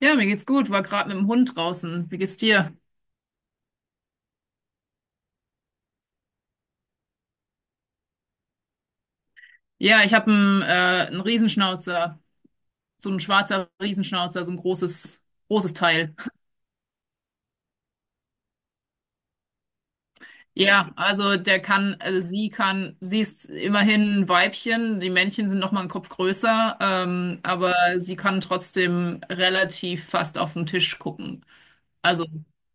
Ja, mir geht's gut. War gerade mit dem Hund draußen. Wie geht's dir? Ja, ich habe einen Riesenschnauzer. So ein schwarzer Riesenschnauzer, so ein großes Teil. Ja, also der kann, also sie kann, sie ist immerhin ein Weibchen. Die Männchen sind noch mal einen Kopf größer, aber sie kann trotzdem relativ fast auf den Tisch gucken. Also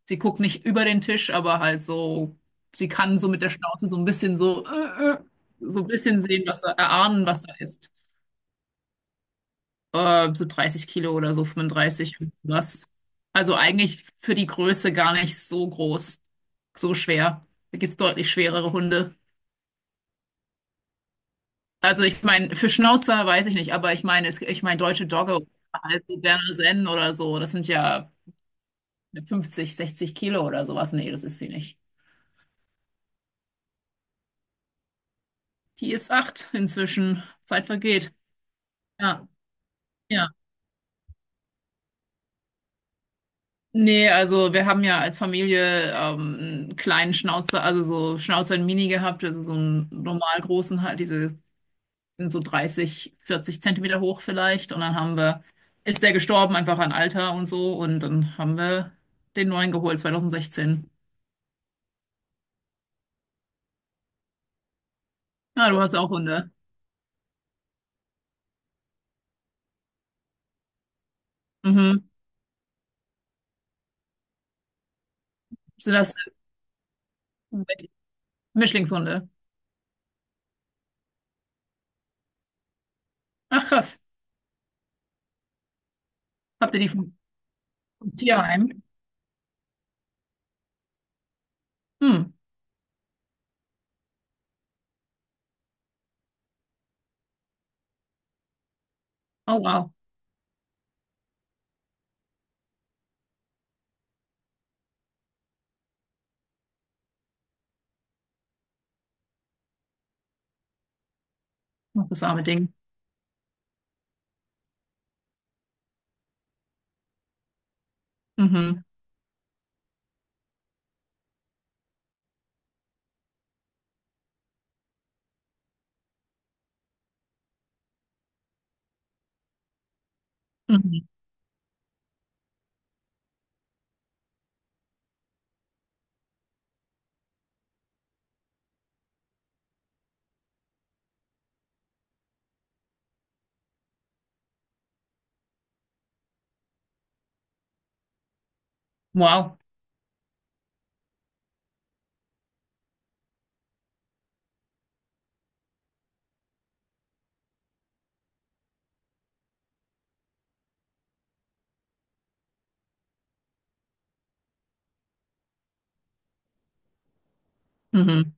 sie guckt nicht über den Tisch, aber halt so, sie kann so mit der Schnauze so ein bisschen so, so ein bisschen sehen, was da, erahnen, was da ist. So 30 Kilo oder so, 35, was. Also eigentlich für die Größe gar nicht so groß, so schwer. Da gibt's deutlich schwerere Hunde. Also ich meine, für Schnauzer weiß ich nicht, aber ich meine, ich meine deutsche Dogge oder halt Berner Sennen oder so, das sind ja 50, 60 Kilo oder sowas. Nee, das ist sie nicht. Die ist acht inzwischen. Zeit vergeht. Ja, ja. Nee, also wir haben ja als Familie einen kleinen Schnauzer, also so Schnauzer in Mini gehabt, also so einen normal großen halt, diese sind so 30, 40 Zentimeter hoch vielleicht. Und dann haben wir, ist der gestorben, einfach an Alter und so. Und dann haben wir den neuen geholt, 2016. Ah, du hast auch Hunde. Mhm. Sind das Mischlingshunde? Ach krass. Habt ihr die vom Tierheim? Hm. Oh wow. Ach, das arme Ding. Mhm. Mhm. Wow. Mhm.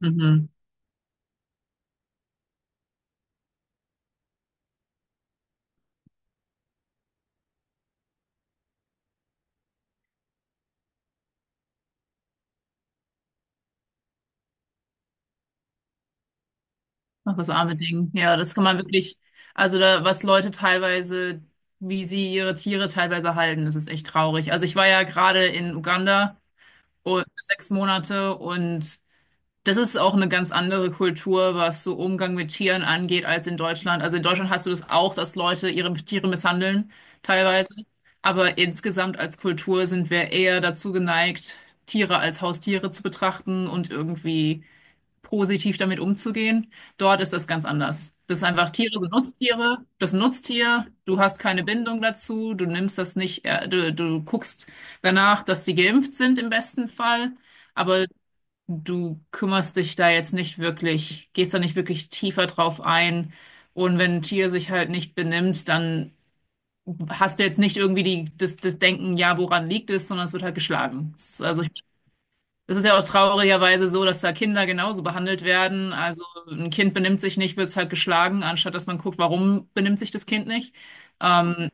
Mhm. Ach, das arme Ding. Ja, das kann man wirklich, also da, was Leute teilweise, wie sie ihre Tiere teilweise halten, das ist echt traurig. Also ich war ja gerade in Uganda und 6 Monate, und das ist auch eine ganz andere Kultur, was so Umgang mit Tieren angeht, als in Deutschland. Also in Deutschland hast du das auch, dass Leute ihre Tiere misshandeln, teilweise. Aber insgesamt als Kultur sind wir eher dazu geneigt, Tiere als Haustiere zu betrachten und irgendwie positiv damit umzugehen. Dort ist das ganz anders. Das ist einfach, Tiere sind Nutztiere, das ist ein Nutztier, du hast keine Bindung dazu, du nimmst das nicht, du guckst danach, dass sie geimpft sind im besten Fall, aber du kümmerst dich da jetzt nicht wirklich, gehst da nicht wirklich tiefer drauf ein. Und wenn ein Tier sich halt nicht benimmt, dann hast du jetzt nicht irgendwie die, das Denken, ja, woran liegt es, sondern es wird halt geschlagen. Also ich das ist ja auch traurigerweise so, dass da Kinder genauso behandelt werden. Also ein Kind benimmt sich nicht, wird es halt geschlagen, anstatt dass man guckt, warum benimmt sich das Kind nicht. Ähm,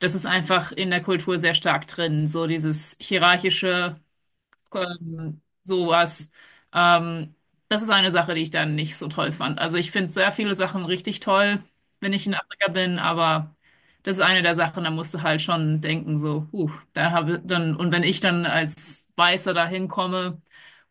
Das ist einfach in der Kultur sehr stark drin. So dieses hierarchische, sowas. Ähm, Das ist eine Sache, die ich dann nicht so toll fand. Also ich finde sehr viele Sachen richtig toll, wenn ich in Afrika bin, aber das ist eine der Sachen, da musst du halt schon denken, so, huh, da habe dann, und wenn ich dann als Weißer da hinkomme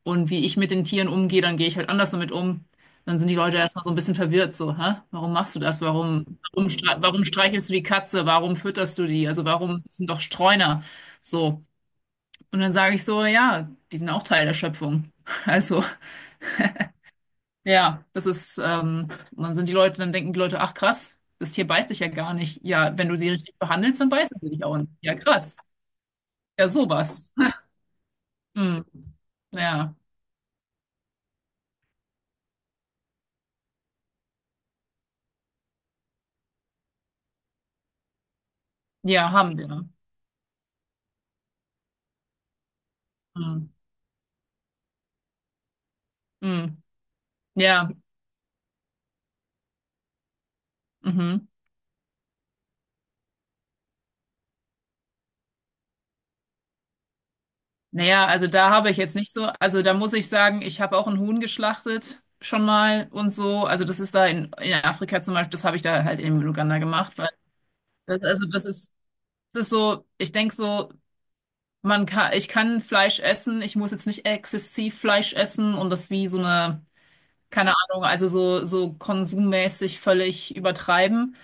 und wie ich mit den Tieren umgehe, dann gehe ich halt anders damit um. Dann sind die Leute erstmal so ein bisschen verwirrt, so, hä? Warum machst du das? Warum streichelst du die Katze? Warum fütterst du die? Also warum, das sind doch Streuner? So. Und dann sage ich so, ja, die sind auch Teil der Schöpfung. Also, ja, das ist, und dann sind die Leute, dann denken die Leute, ach krass, das Tier beißt dich ja gar nicht. Ja, wenn du sie richtig behandelst, dann beißen sie dich auch nicht. Ja, krass. Ja, sowas. Hm. Ja, ja, haben wir. Hm. Hm. Ja, mhm. Naja, also da habe ich jetzt nicht so, also da muss ich sagen, ich habe auch ein Huhn geschlachtet schon mal und so. Also das ist da in Afrika zum Beispiel, das habe ich da halt in Uganda gemacht, weil das, also das ist, es ist so, ich denke so, man kann, ich kann Fleisch essen, ich muss jetzt nicht exzessiv Fleisch essen und das wie so eine, keine Ahnung, also so, so konsummäßig völlig übertreiben.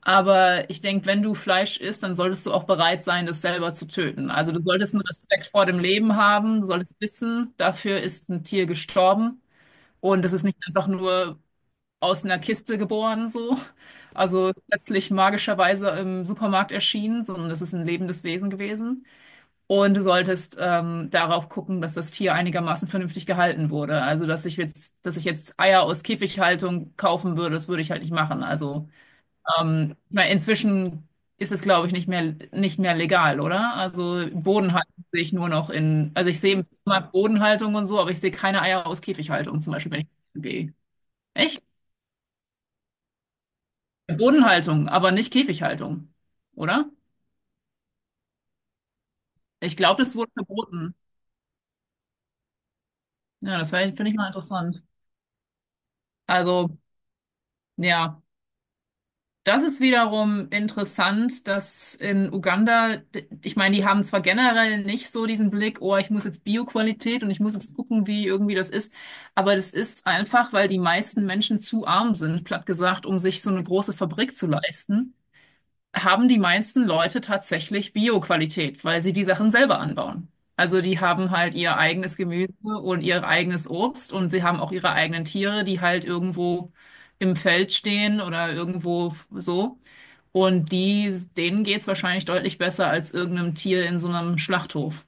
Aber ich denke, wenn du Fleisch isst, dann solltest du auch bereit sein, das selber zu töten. Also du solltest einen Respekt vor dem Leben haben, du solltest wissen, dafür ist ein Tier gestorben und das ist nicht einfach nur aus einer Kiste geboren, so. Also plötzlich magischerweise im Supermarkt erschienen, sondern das ist ein lebendes Wesen gewesen. Und du solltest darauf gucken, dass das Tier einigermaßen vernünftig gehalten wurde. Also, dass ich jetzt Eier aus Käfighaltung kaufen würde, das würde ich halt nicht machen. Also, weil inzwischen ist es, glaube ich, nicht mehr, nicht mehr legal, oder? Also, Bodenhaltung sehe ich nur noch in, also ich sehe immer Bodenhaltung und so, aber ich sehe keine Eier aus Käfighaltung, zum Beispiel, wenn ich gehe. Echt? Bodenhaltung, aber nicht Käfighaltung, oder? Ich glaube, das wurde verboten. Ja, das wäre, finde ich, mal interessant. Also, ja. Das ist wiederum interessant, dass in Uganda, ich meine, die haben zwar generell nicht so diesen Blick, oh, ich muss jetzt Bioqualität und ich muss jetzt gucken, wie irgendwie das ist, aber das ist einfach, weil die meisten Menschen zu arm sind, platt gesagt, um sich so eine große Fabrik zu leisten, haben die meisten Leute tatsächlich Bioqualität, weil sie die Sachen selber anbauen. Also die haben halt ihr eigenes Gemüse und ihr eigenes Obst und sie haben auch ihre eigenen Tiere, die halt irgendwo im Feld stehen oder irgendwo so. Und die, denen geht's wahrscheinlich deutlich besser als irgendeinem Tier in so einem Schlachthof.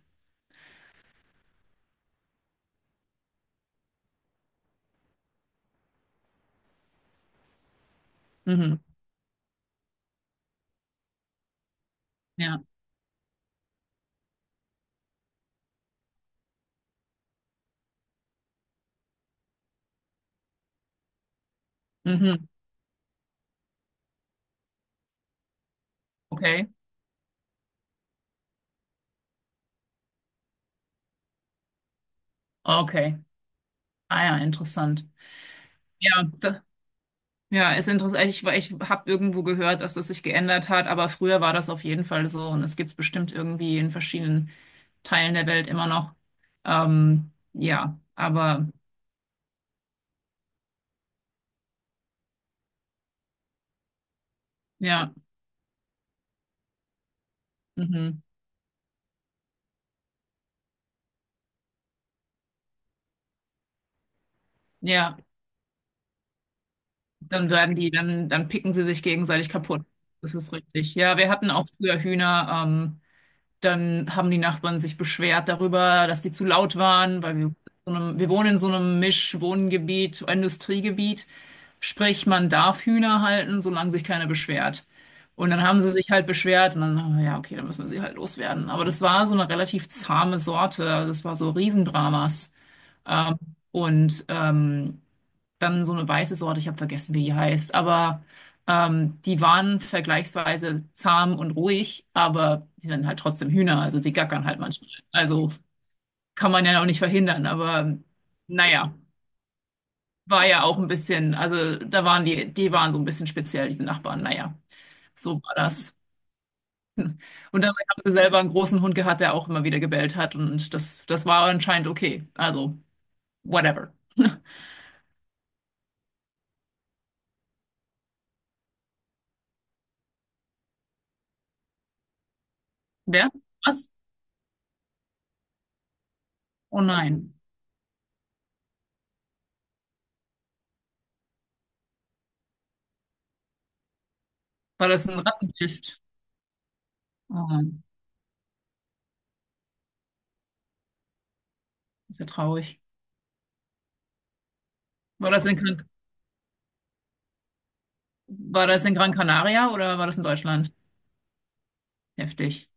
Mhm. Ja. Mhm. Okay. Okay. Ah ja, interessant. Ja, ja, ist interessant. Ich, weil ich habe irgendwo gehört, dass das sich geändert hat, aber früher war das auf jeden Fall so und es gibt es bestimmt irgendwie in verschiedenen Teilen der Welt immer noch. Ja, aber ja, mhm. Ja, dann werden die, dann, dann picken sie sich gegenseitig kaputt. Das ist richtig. Ja, wir hatten auch früher Hühner. Dann haben die Nachbarn sich beschwert darüber, dass die zu laut waren, weil wir, so einem, wir wohnen in so einem Mischwohngebiet, Industriegebiet. Sprich, man darf Hühner halten, solange sich keiner beschwert. Und dann haben sie sich halt beschwert und dann, ja, okay, dann müssen wir sie halt loswerden. Aber das war so eine relativ zahme Sorte. Also das war so Riesendramas. Ähm, und ähm, dann so eine weiße Sorte, ich habe vergessen, wie die heißt, aber die waren vergleichsweise zahm und ruhig, aber sie werden halt trotzdem Hühner, also sie gackern halt manchmal. Also kann man ja auch nicht verhindern, aber naja, war ja auch ein bisschen, also da waren die, die waren so ein bisschen speziell, diese Nachbarn, naja, so war das. Und dabei haben sie selber einen großen Hund gehabt, der auch immer wieder gebellt hat und das, das war anscheinend okay, also whatever. Wer? Was? Oh nein, war das ein Rattengift? Oh. Ist ja traurig. War das in Gran War das in Gran Canaria oder war das in Deutschland? Heftig.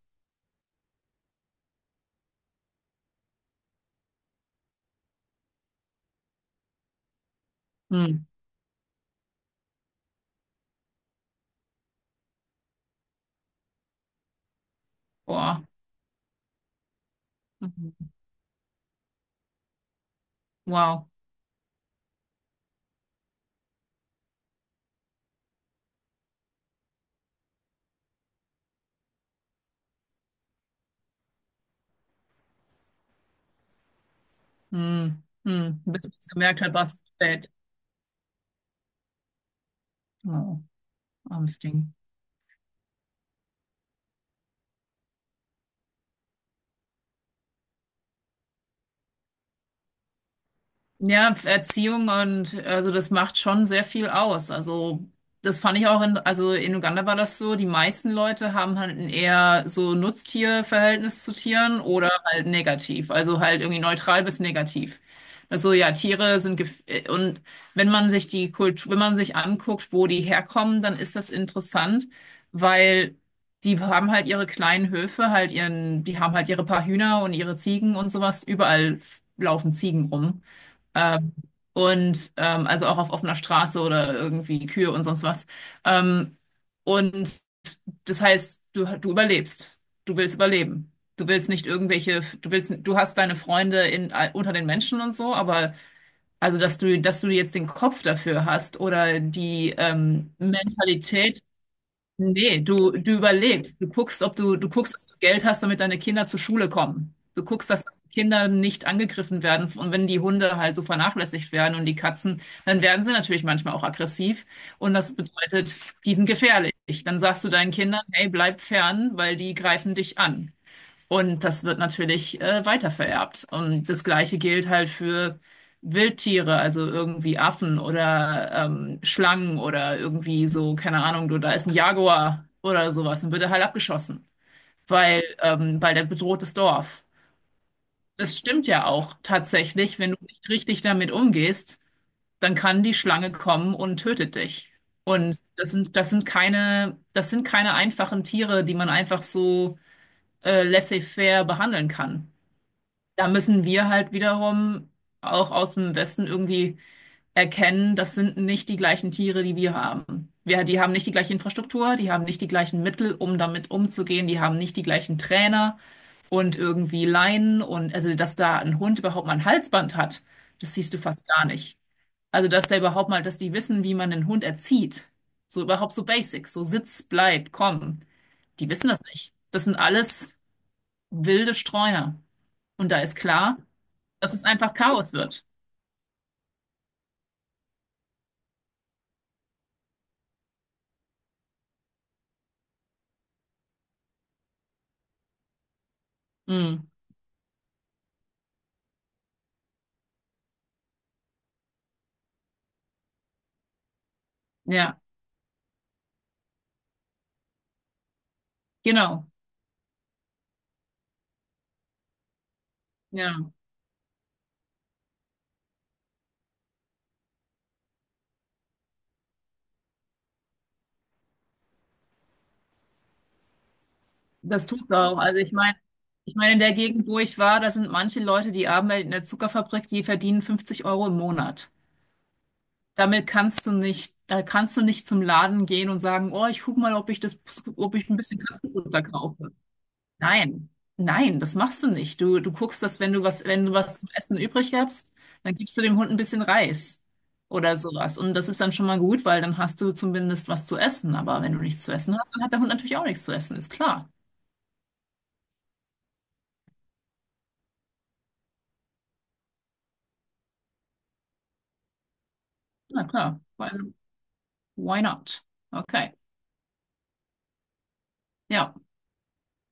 Hm. Boah. Mhm. Wow. Hm. Hm. Bis man es gemerkt hat, war es spät. Oh, armes Ding. Ja, Erziehung und also das macht schon sehr viel aus. Also das fand ich auch in, also in Uganda war das so, die meisten Leute haben halt ein eher so Nutztierverhältnis zu Tieren oder halt negativ, also halt irgendwie neutral bis negativ. Also ja, Tiere sind gef und wenn man sich die Kultur, wenn man sich anguckt, wo die herkommen, dann ist das interessant, weil die haben halt ihre kleinen Höfe, halt ihren, die haben halt ihre paar Hühner und ihre Ziegen und sowas, überall laufen Ziegen rum. Ähm, also auch auf offener Straße oder irgendwie Kühe und sonst was. Ähm, und das heißt, du überlebst. Du willst überleben. Du willst nicht irgendwelche, du willst, du hast deine Freunde in, unter den Menschen und so, aber also, dass du jetzt den Kopf dafür hast oder die Mentalität. Nee, du überlebst. Du guckst, ob du guckst, dass du Geld hast, damit deine Kinder zur Schule kommen. Du guckst, dass Kinder nicht angegriffen werden. Und wenn die Hunde halt so vernachlässigt werden und die Katzen, dann werden sie natürlich manchmal auch aggressiv. Und das bedeutet, die sind gefährlich. Dann sagst du deinen Kindern, hey, bleib fern, weil die greifen dich an. Und das wird natürlich weitervererbt. Und das Gleiche gilt halt für Wildtiere, also irgendwie Affen oder Schlangen oder irgendwie so, keine Ahnung, du, da ist ein Jaguar oder sowas und wird er halt abgeschossen, weil, weil der bedroht das Dorf. Das stimmt ja auch tatsächlich, wenn du nicht richtig damit umgehst, dann kann die Schlange kommen und tötet dich. Und das sind keine einfachen Tiere, die man einfach so laissez-faire behandeln kann. Da müssen wir halt wiederum auch aus dem Westen irgendwie erkennen, das sind nicht die gleichen Tiere, die wir haben. Wir, die haben nicht die gleiche Infrastruktur, die haben nicht die gleichen Mittel, um damit umzugehen, die haben nicht die gleichen Trainer und irgendwie Leinen und also, dass da ein Hund überhaupt mal ein Halsband hat, das siehst du fast gar nicht. Also, dass der überhaupt mal, dass die wissen, wie man einen Hund erzieht. So überhaupt so Basics, so Sitz, bleib, komm. Die wissen das nicht. Das sind alles wilde Streuner. Und da ist klar, dass es einfach Chaos wird. Mhm. Ja, genau. Ja, das tut's auch. Also ich meine, in der Gegend, wo ich war, da sind manche Leute, die arbeiten in der Zuckerfabrik, die verdienen 50 Euro im Monat. Damit kannst du nicht, da kannst du nicht zum Laden gehen und sagen, oh, ich guck mal, ob ich das, ob ich ein bisschen Katzenfutter kaufe. Nein, nein, das machst du nicht. Du guckst, dass, wenn du was, wenn du was zum Essen übrig hast, dann gibst du dem Hund ein bisschen Reis oder sowas. Und das ist dann schon mal gut, weil dann hast du zumindest was zu essen. Aber wenn du nichts zu essen hast, dann hat der Hund natürlich auch nichts zu essen, ist klar. Na klar, weil why not? Okay, ja.